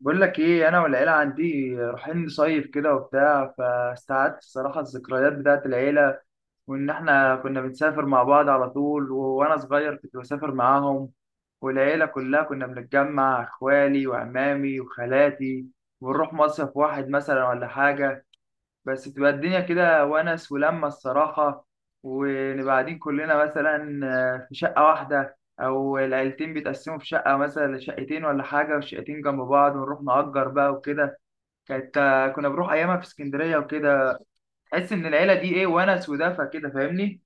بقول لك ايه، انا والعيله عندي رايحين نصيف كده وبتاع، فاستعدت الصراحه الذكريات بتاعت العيله. وان احنا كنا بنسافر مع بعض على طول. وانا صغير كنت بسافر معاهم، والعيله كلها كنا بنتجمع، اخوالي وعمامي وخالاتي، ونروح مصيف واحد مثلا ولا حاجه. بس تبقى الدنيا كده ونس ولمة الصراحة. ونبقى قاعدين كلنا مثلا في شقة واحدة، أو العيلتين بيتقسموا في شقة مثلا، شقتين ولا حاجة، والشقتين جنب بعض ونروح نأجر بقى وكده. كانت كنا بنروح أيامها في اسكندرية وكده. تحس إن العيلة دي إيه، ونس ودفى كده، فاهمني؟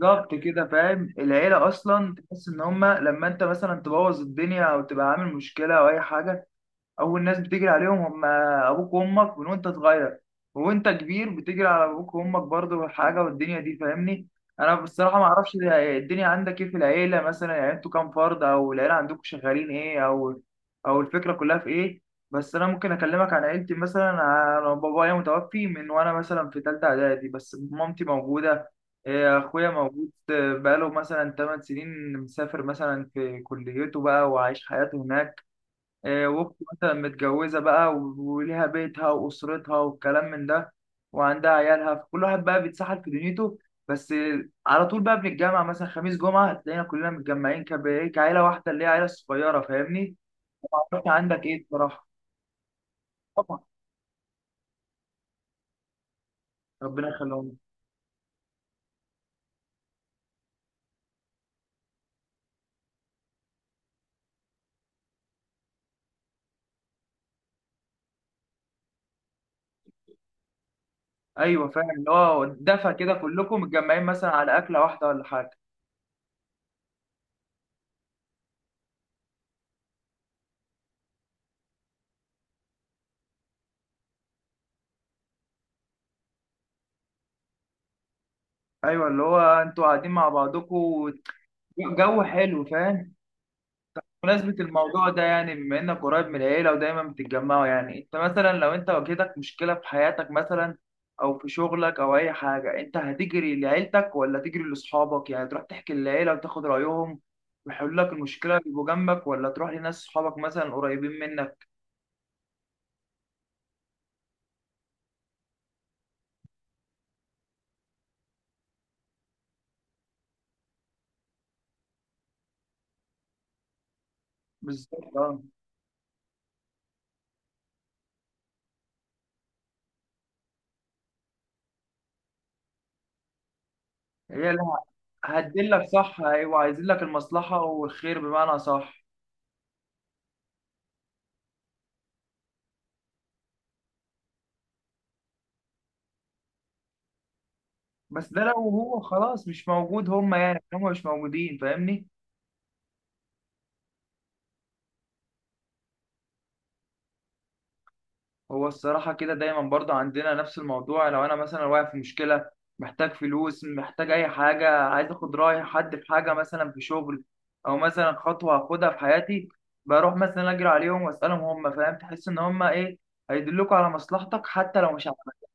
بالظبط كده، فاهم؟ العيلة أصلا تحس إن هما لما أنت مثلا تبوظ الدنيا أو تبقى عامل مشكلة أو أي حاجة، اول ناس بتجري عليهم هم ابوك وامك من وانت صغير. وانت كبير بتجري على ابوك وامك برضه، حاجه والدنيا دي فاهمني. انا بصراحه ما اعرفش الدنيا عندك ايه في العيله مثلا، يعني انتوا كام فرد، او العيله عندكم شغالين ايه، او او الفكره كلها في ايه. بس انا ممكن اكلمك عن عيلتي. مثلا انا بابايا متوفي من وانا مثلا في ثالثه اعدادي، بس مامتي موجوده. إيه، اخويا موجود، بقاله مثلا 8 سنين مسافر مثلا في كليته بقى وعايش حياته هناك. واخته مثلا متجوزة بقى، وليها بيتها وأسرتها والكلام من ده، وعندها عيالها. فكل واحد بقى بيتسحل في دنيته. بس على طول بقى بنتجمع مثلا خميس جمعة، تلاقينا كلنا متجمعين، كب- إيه، كعيلة واحدة اللي هي عيلة صغيرة، فاهمني؟ معرفش عندك إيه بصراحة. طبعا. ربنا يخليهم. أيوه فاهم، اللي هو دفى كده، كلكم متجمعين مثلا على أكلة واحدة ولا حاجة. أيوه اللي هو أنتوا قاعدين مع بعضكم. جو حلو، فاهم؟ بمناسبة الموضوع ده، يعني بما إنك قريب من العيلة ودايما بتتجمعوا، يعني أنت مثلا لو أنت واجهتك مشكلة في حياتك مثلا، أو في شغلك أو أي حاجة، أنت هتجري لعيلتك ولا تجري لأصحابك؟ يعني تروح تحكي للعيلة وتاخد رأيهم ويحلوا لك المشكلة، يبقوا جنبك، ولا تروح لناس صحابك مثلا قريبين منك؟ بالظبط أه. هي لا. هتدلك صح، أيوة عايزين لك المصلحة والخير، بمعنى صح. بس ده لو هو خلاص مش موجود، هما مش موجودين فاهمني. هو الصراحة كده دايما برضه عندنا نفس الموضوع. لو أنا مثلا واقع في مشكلة، محتاج فلوس، محتاج أي حاجة، عايز أخد رأي حد في حاجة مثلا في شغل، أو مثلا خطوة هاخدها في حياتي، بروح مثلا أجري عليهم وأسألهم هم، فاهم؟ تحس إن هم إيه، هيدلوك على مصلحتك حتى لو مش على مزاجك.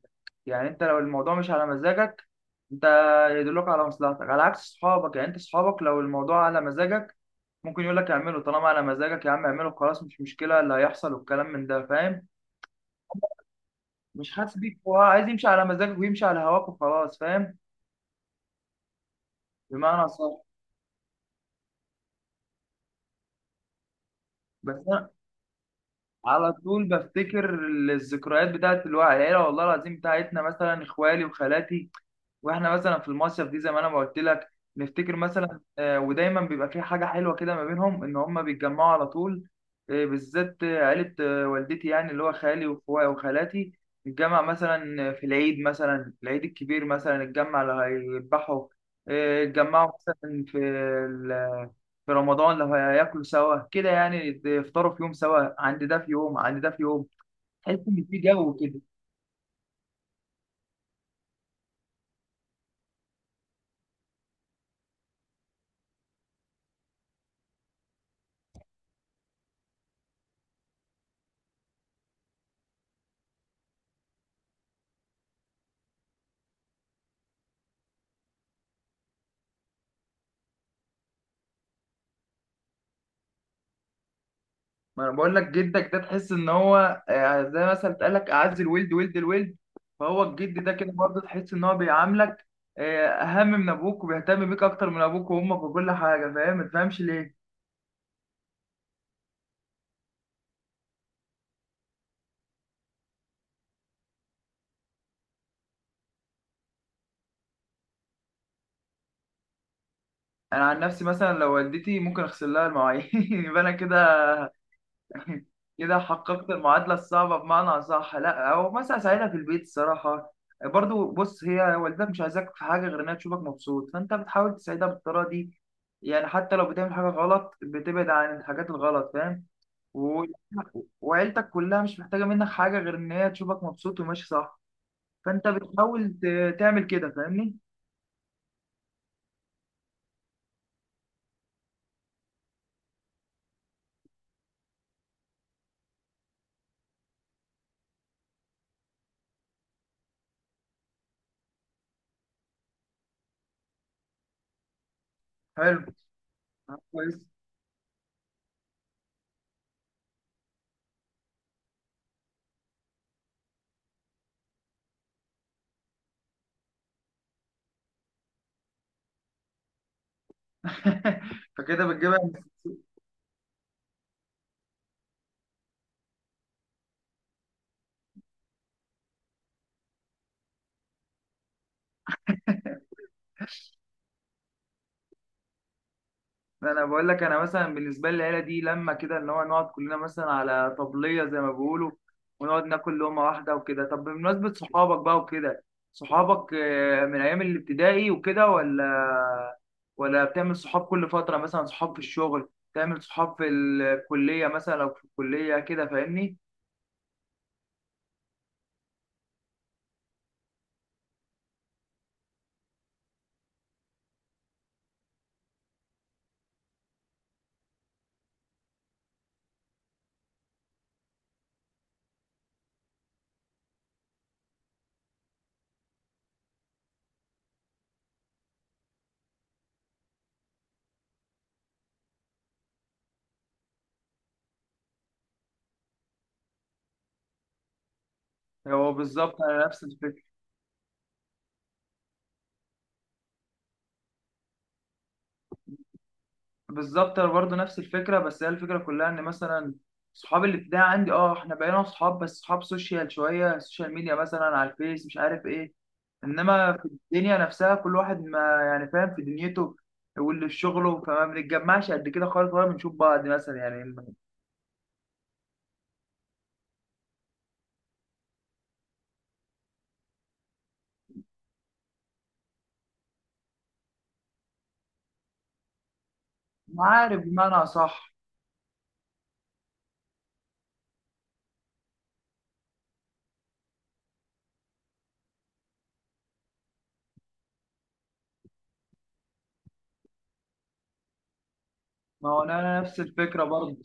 يعني أنت لو الموضوع مش على مزاجك، أنت يدلوك على مصلحتك، على عكس صحابك. يعني أنت صحابك لو الموضوع على مزاجك، ممكن يقول لك اعمله، طالما على مزاجك يا عم اعمله، خلاص مش مشكلة اللي هيحصل والكلام من ده، فاهم؟ مش حاسس بيك، هو عايز يمشي على مزاجك ويمشي على هواك وخلاص، فاهم؟ بمعنى صح. بس انا على طول بفتكر الذكريات بتاعت الوعي، العيله والله العظيم بتاعتنا، مثلا اخوالي وخالاتي، واحنا مثلا في المصيف دي، زي ما انا ما قلت لك. نفتكر مثلا، ودايما بيبقى في حاجه حلوه كده ما بينهم، ان هم بيتجمعوا على طول. بالذات عيله والدتي، يعني اللي هو خالي واخويا وخالاتي. نتجمع مثلا في العيد، مثلا العيد الكبير مثلا نتجمع لو هيذبحوا. آه، نتجمعوا مثلا في ال- في رمضان لو هياكلوا سوا كده، يعني يفطروا في يوم سوا، عند ده في يوم، عند ده في يوم. تحس ان في جو كده. ما انا بقول لك، جدك ده تحس ان هو، زي مثلا بتقول لك اعز الولد ولد الولد. فهو الجد ده كده برضه تحس ان هو بيعاملك اهم من ابوك، وبيهتم بيك اكتر من ابوك وامك وكل حاجه، فاهم؟ ما تفهمش ليه. انا عن نفسي مثلا لو والدتي، ممكن اغسل لها المواعين يبقى انا كده، كده حققت المعادلة الصعبة، بمعنى أصح. لا، أو مثلا أساعدها في البيت الصراحة. برضو بص، هي والدتك مش عايزاك في حاجة غير إنها تشوفك مبسوط، فأنت بتحاول تساعدها بالطريقة دي. يعني حتى لو بتعمل حاجة غلط، بتبعد عن الحاجات الغلط، فاهم؟ و... وعيلتك كلها مش محتاجة منك حاجة غير إن هي تشوفك مبسوط وماشي صح، فأنت بتحاول تعمل كده، فاهمني؟ حلو. كويس. فكده بتجيبها. انا بقول لك، انا مثلا بالنسبه لي العيله دي، لما كده اللي هو نقعد كلنا مثلا على طبليه زي ما بيقولوا، ونقعد ناكل لقمه واحده وكده. طب بمناسبه صحابك بقى وكده، صحابك من ايام الابتدائي وكده، ولا ولا بتعمل صحاب كل فتره؟ مثلا صحاب في الشغل، تعمل صحاب في الكليه مثلا لو في الكليه كده، فاهمني؟ هو بالظبط انا نفس الفكره. بالظبط انا برضه نفس الفكره. بس هي الفكره كلها ان مثلا صحاب الابتدائي عندي اه، احنا بقينا صحاب، بس صحاب سوشيال شويه، سوشيال ميديا مثلا على الفيس مش عارف ايه. انما في الدنيا نفسها كل واحد ما يعني فاهم في دنيته، واللي في شغله، فما بنتجمعش قد كده خالص، ولا بنشوف بعض مثلا يعني. عارف بمعنى صح. ما هو انا نفس الفكره برضه.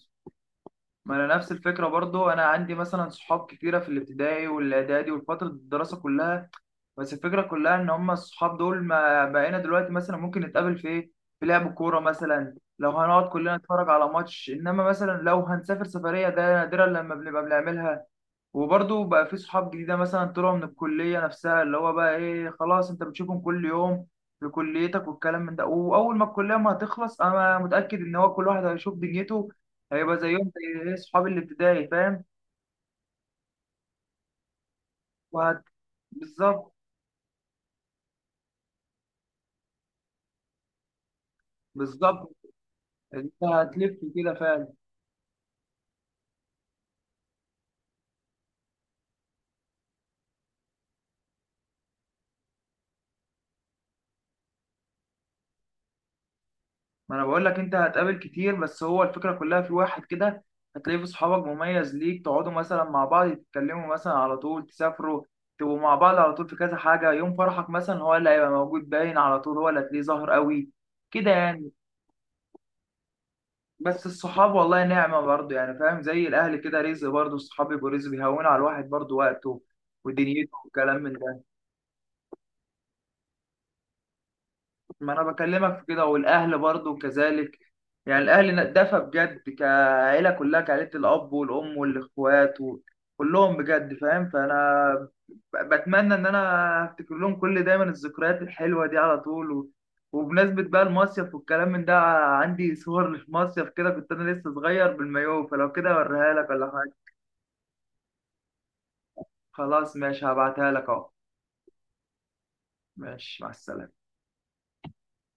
ما انا نفس الفكره برضه. انا عندي مثلا صحاب كتيره في الابتدائي والاعدادي والفتره الدراسه كلها. بس الفكرة كلها إن هما الصحاب دول ما بقينا دلوقتي مثلا ممكن نتقابل في إيه؟ في لعب الكورة مثلا، لو هنقعد كلنا نتفرج على ماتش. إنما مثلا لو هنسافر سفرية، ده نادرا لما بنبقى بنعملها. وبرضه بقى في صحاب جديدة مثلا طلعوا من الكلية نفسها، اللي هو بقى إيه، خلاص أنت بتشوفهم كل يوم في كليتك والكلام من ده. وأول ما الكلية ما هتخلص، أنا متأكد إن هو كل واحد هيشوف دنيته، هيبقى زيهم، زي إيه، صحاب الابتدائي، فاهم؟ وهت بالظبط. بالظبط. أنت هتلف كده فعلا. ما انا بقول لك انت هتقابل كتير، بس هو الفكره كلها في واحد كده هتلاقيه في صحابك مميز ليك، تقعدوا مثلا مع بعض، تتكلموا مثلا على طول، تسافروا، تبقوا مع بعض على طول في كذا حاجه. يوم فرحك مثلا هو اللي هيبقى موجود باين، على طول هو اللي هتلاقيه ظاهر قوي كده يعني. بس الصحاب والله نعمه برضه، يعني فاهم؟ زي الاهل كده رزق، برضه الصحاب يبقوا رزق، بيهونوا على الواحد برضه وقته ودنيته والكلام من ده. ما انا بكلمك في كده، والاهل برضو كذلك. يعني الاهل دفى بجد، كعيله كلها، كعيله، الاب والام والاخوات كلهم بجد، فاهم؟ فانا بتمنى ان انا افتكر لهم كل دايما الذكريات الحلوه دي على طول، وبمناسبه بقى المصيف والكلام من ده، عندي صور للمصيف كده، كنت انا لسه صغير بالمايوه. فلو كده اوريها لك ولا حاجه. خلاص ماشي، هبعتها لك اهو. ماشي مع السلامه.